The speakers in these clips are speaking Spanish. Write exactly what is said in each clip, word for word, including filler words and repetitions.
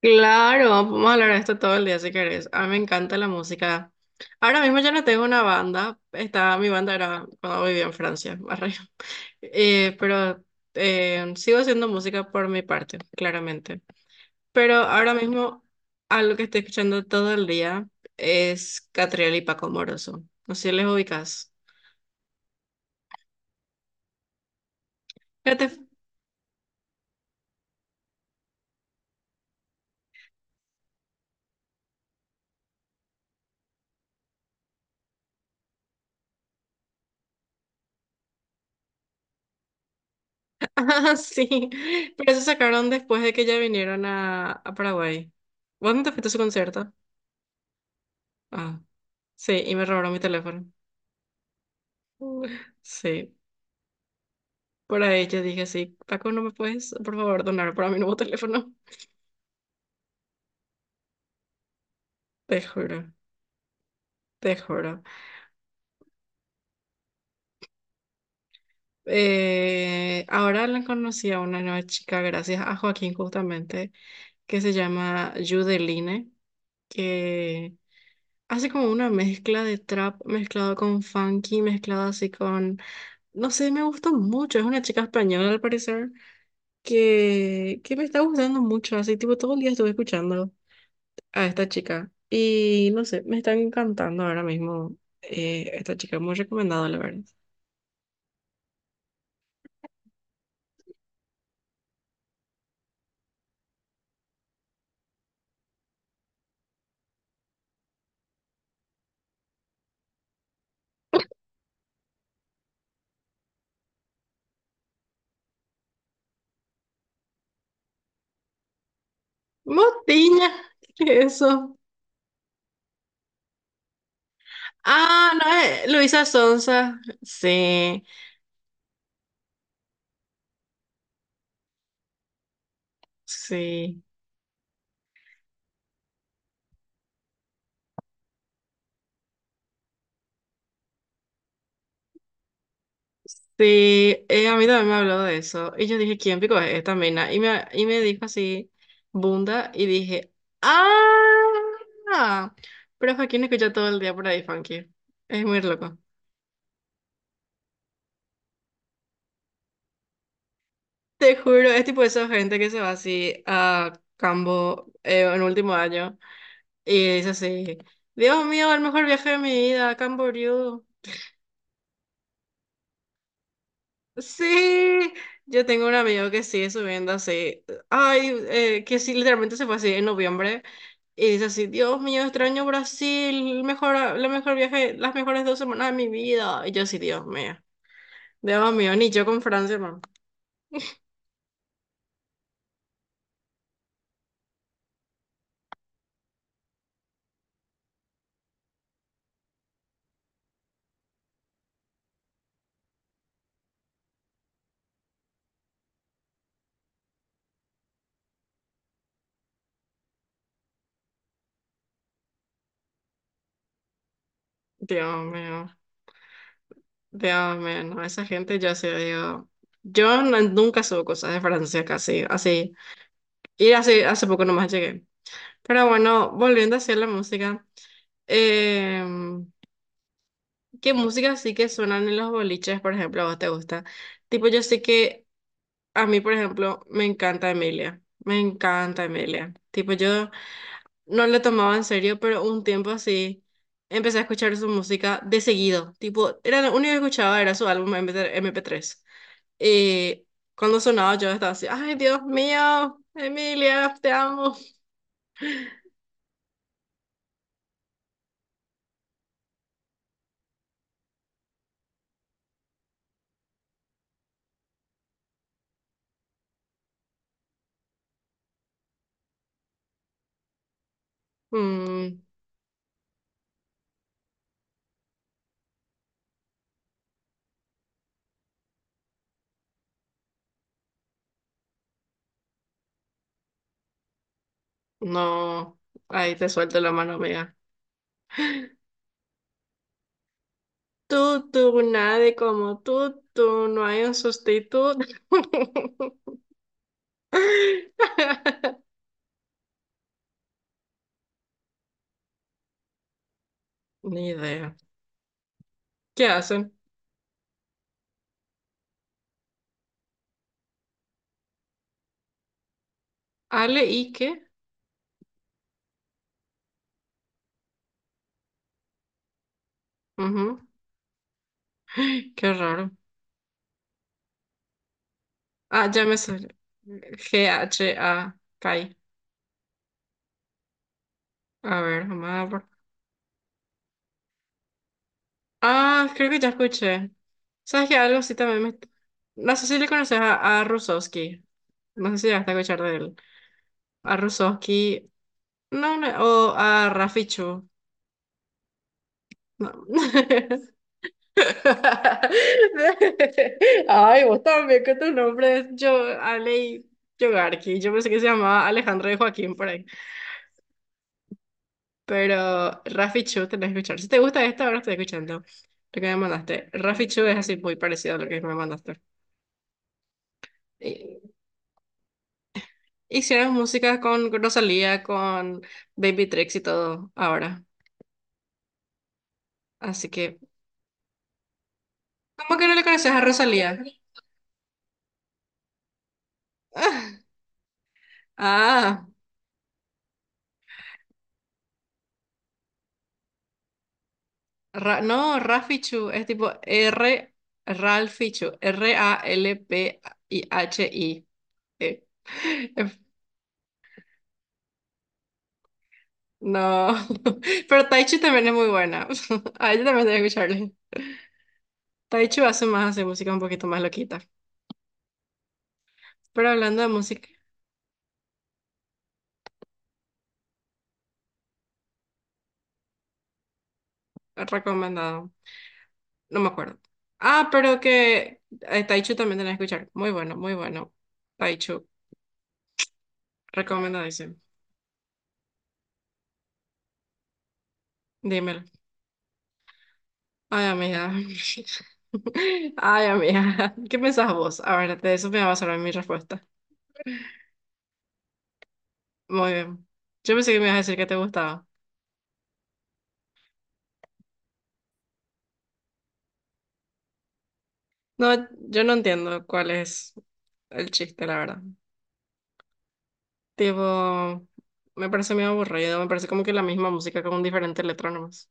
Claro, vamos a hablar de esto todo el día si querés. A mí me encanta la música. Ahora mismo yo no tengo una banda. Estaba, mi banda era cuando vivía en Francia, arre. Eh, pero eh, sigo haciendo música por mi parte, claramente. Pero ahora mismo algo que estoy escuchando todo el día es Catriel y Paco Moroso. No sé si les ubicas. Fíjate- Ah, sí. Pero eso sacaron después de que ya vinieron a, a Paraguay. ¿Vos no te fuiste a su concierto? Ah. Sí, y me robaron mi teléfono. Uf. Sí, por ahí yo dije, sí, Paco, ¿no me puedes, por favor, donar para mi nuevo teléfono? Te juro, te juro. Eh, ahora la conocí a una nueva chica, gracias a Joaquín justamente, que se llama Judeline, que hace como una mezcla de trap mezclado con funky, mezclado así con... No sé, me gustó mucho. Es una chica española, al parecer, que, que me está gustando mucho. Así, tipo, todo el día estuve escuchando a esta chica. Y no sé, me están encantando ahora mismo eh, esta chica, muy recomendado, la verdad. Motiña, ¿qué es eso? Ah, no, eh, Luisa Sonza. Sí, sí, sí. Eh, a mí también me habló de eso. Y yo dije, ¿quién pico es esta mina? Y me, y me dijo así, Bunda, y dije, ¡ah! Pero Joaquín escucha todo el día por ahí, Funky. Es muy loco. Te juro, es tipo esa gente que se va así a Cambo eh, en último año y dice así, Dios mío, el mejor viaje de mi vida, Camboriú. Sí, yo tengo un amigo que sigue subiendo así, ay, eh, que sí, literalmente se fue así en noviembre y dice así, Dios mío, extraño Brasil, el mejor, ah, la mejor viaje, las mejores dos semanas de mi vida. Y yo así, Dios mío, Dios mío, ni yo con Francia, man. Dios mío. Dios mío, no, esa gente ya se dio. Yo no- nunca subo cosas de Francia casi, así. Y hace, hace poco nomás llegué. Pero bueno, volviendo hacia la música. eh, ¿qué música sí que suenan en los boliches, por ejemplo, a vos te gusta? Tipo, yo sé que a mí, por ejemplo, me encanta Emilia. Me encanta Emilia. Tipo, yo no le tomaba en serio, pero un tiempo así empecé a escuchar su música de seguido. Tipo, era lo único que escuchaba era su álbum M P tres. Y cuando sonaba yo estaba así, ay Dios mío, Emilia, te amo. Mm, no, ahí te suelto la mano, amiga. Tú, tú, nadie como tú, tú, no hay un sustituto. Ni idea. ¿Qué hacen? ¿Ale y qué? Ujú. Qué raro. Ah, ya me salió G-H-A-K. A K I. A ver, vamos a ver. Ah, creo que ya escuché. ¿Sabes que algo sí también me... No sé si le conoces a, a Rusowski. No sé si llegaste a escuchar de él. A Rusowski. No, no, o a Rafichu. No. Ay, vos también con tus nombres. Yo, Alei Yogarki. Yo pensé que se llamaba Alejandro de Joaquín por ahí. Pero Rafichu tenés que escuchar. Si te gusta esto, ahora estoy escuchando lo que me mandaste. Rafichu es así muy parecido a lo que me mandaste. Hicieron música con Rosalía, con Baby Tricks y todo ahora. Así que, ¿cómo que no le conoces a Rosalía? Ah, Ra- no, Rafichu, es tipo R, Ralfichu, R-A-L-P-I-H-I. eh. eh, No, pero Taichu también es muy buena. A ella también debe escucharle. Taichu hace más, hace música un poquito más loquita. Pero hablando de música, recomendado. No me acuerdo. Ah, pero que eh, Taichu también tenés que escuchar. Muy bueno, muy bueno. Taichu, recomendadísimo. Dímelo. Ay, amiga. Ay, amiga. ¿Qué pensás vos? A ver, de eso me va a basar mi respuesta. Muy bien. Yo pensé que me ibas a decir que te gustaba. No, yo no entiendo cuál es el chiste, la verdad. Tipo, me parece medio aburrido. Me parece como que la misma música con un diferente letra nomás.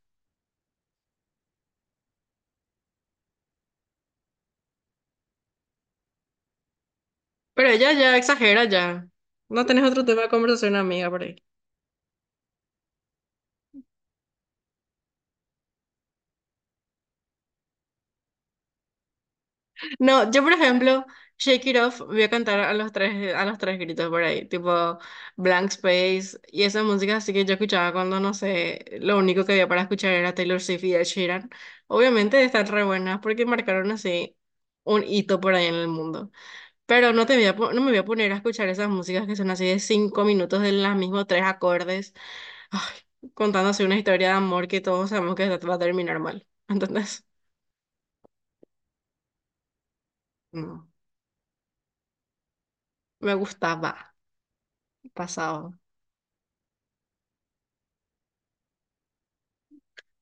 Pero ella ya exagera ya. No tenés otro tema de conversación, amiga, por ahí. No, yo por ejemplo, Shake It Off voy a cantar a los tres, a los tres gritos por ahí, tipo Blank Space y esa música así que yo escuchaba cuando, no sé, lo único que había para escuchar era Taylor Swift y Ed Sheeran. Obviamente están re buenas porque marcaron así un hito por ahí en el mundo. Pero no te voy a, po- no me voy a poner a escuchar esas músicas que son así de cinco minutos de los mismos tres acordes, ay, contándose una historia de amor que todos sabemos que va a terminar mal. ¿Entendés? No, me gustaba, pasado.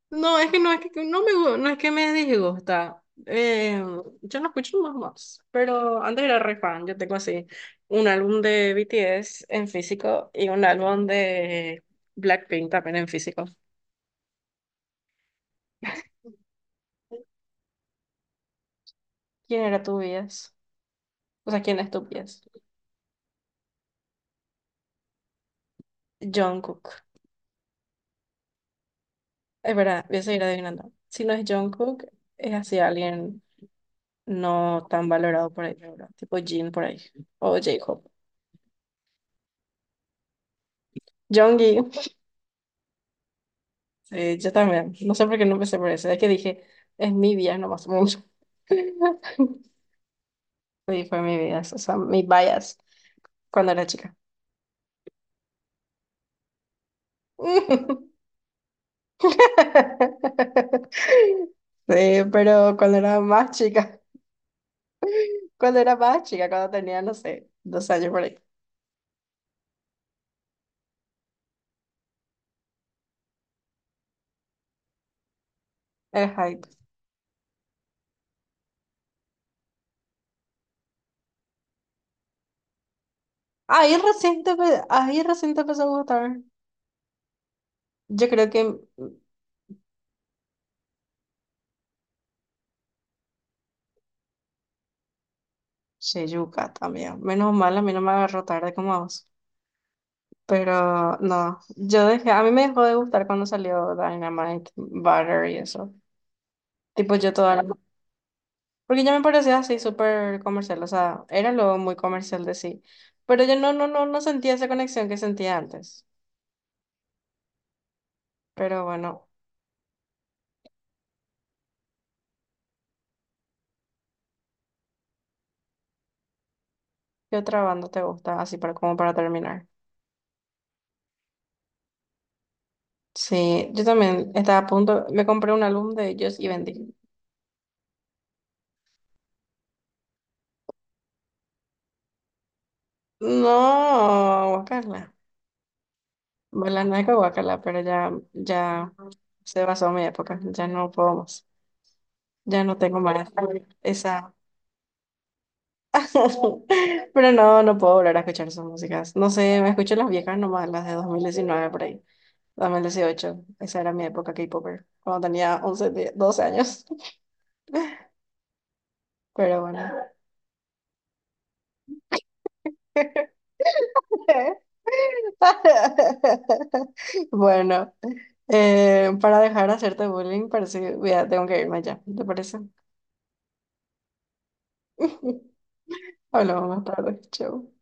No, es que no es que no me gu- no es que me disgusta. Eh, yo no escucho más más, pero antes era re fan. Yo tengo así un álbum de B T S en físico y un álbum de Blackpink también en físico. ¿Quién era tu bias? O sea, ¿quién es tu bias? Jungkook. Es verdad, voy a seguir adivinando. Si no es Jungkook, es así alguien no tan valorado por ahí, ¿verdad? Tipo Jin por ahí o J-Hope. Jongi. Sí, yo también. No sé por qué no empecé por eso. Es que dije, es mi vida, no más mucho. Sí, fue mi vida, o sea, mi bias cuando era chica. Sí, pero cuando era más chica, cuando era más chica, cuando tenía, no sé, dos años por ahí. El hype. Ahí recién te, empe- ahí recién te empezó a gustar. Yo creo que mm, Sheyuka también. Menos mal, a mí no me agarró tarde como a vos. Pero no, yo dejé, a mí me dejó de gustar cuando salió Dynamite, Butter y eso. Tipo yo toda la... Porque ya me parecía así súper comercial, o sea, era lo muy comercial de sí. Pero yo no, no, no, no sentía esa conexión que sentía antes. Pero bueno, ¿qué otra banda te gusta? Así para, como para terminar. Sí, yo también estaba a punto, me compré un álbum de ellos y vendí. No, guacala. Bueno, no es que guacala, pero ya, ya se basó mi época, ya no puedo más. Ya no tengo más esa. Pero no, no puedo volver a escuchar esas músicas. No sé, me escucho las viejas nomás, las de dos mil diecinueve por ahí, dos mil dieciocho. Esa era mi época K-Popper, cuando tenía once, diez, doce años. Pero bueno. Bueno, eh, para dejar de hacerte bullying, parece, voy a- tengo que irme ya. ¿Te parece? Hablamos más tarde. Chau.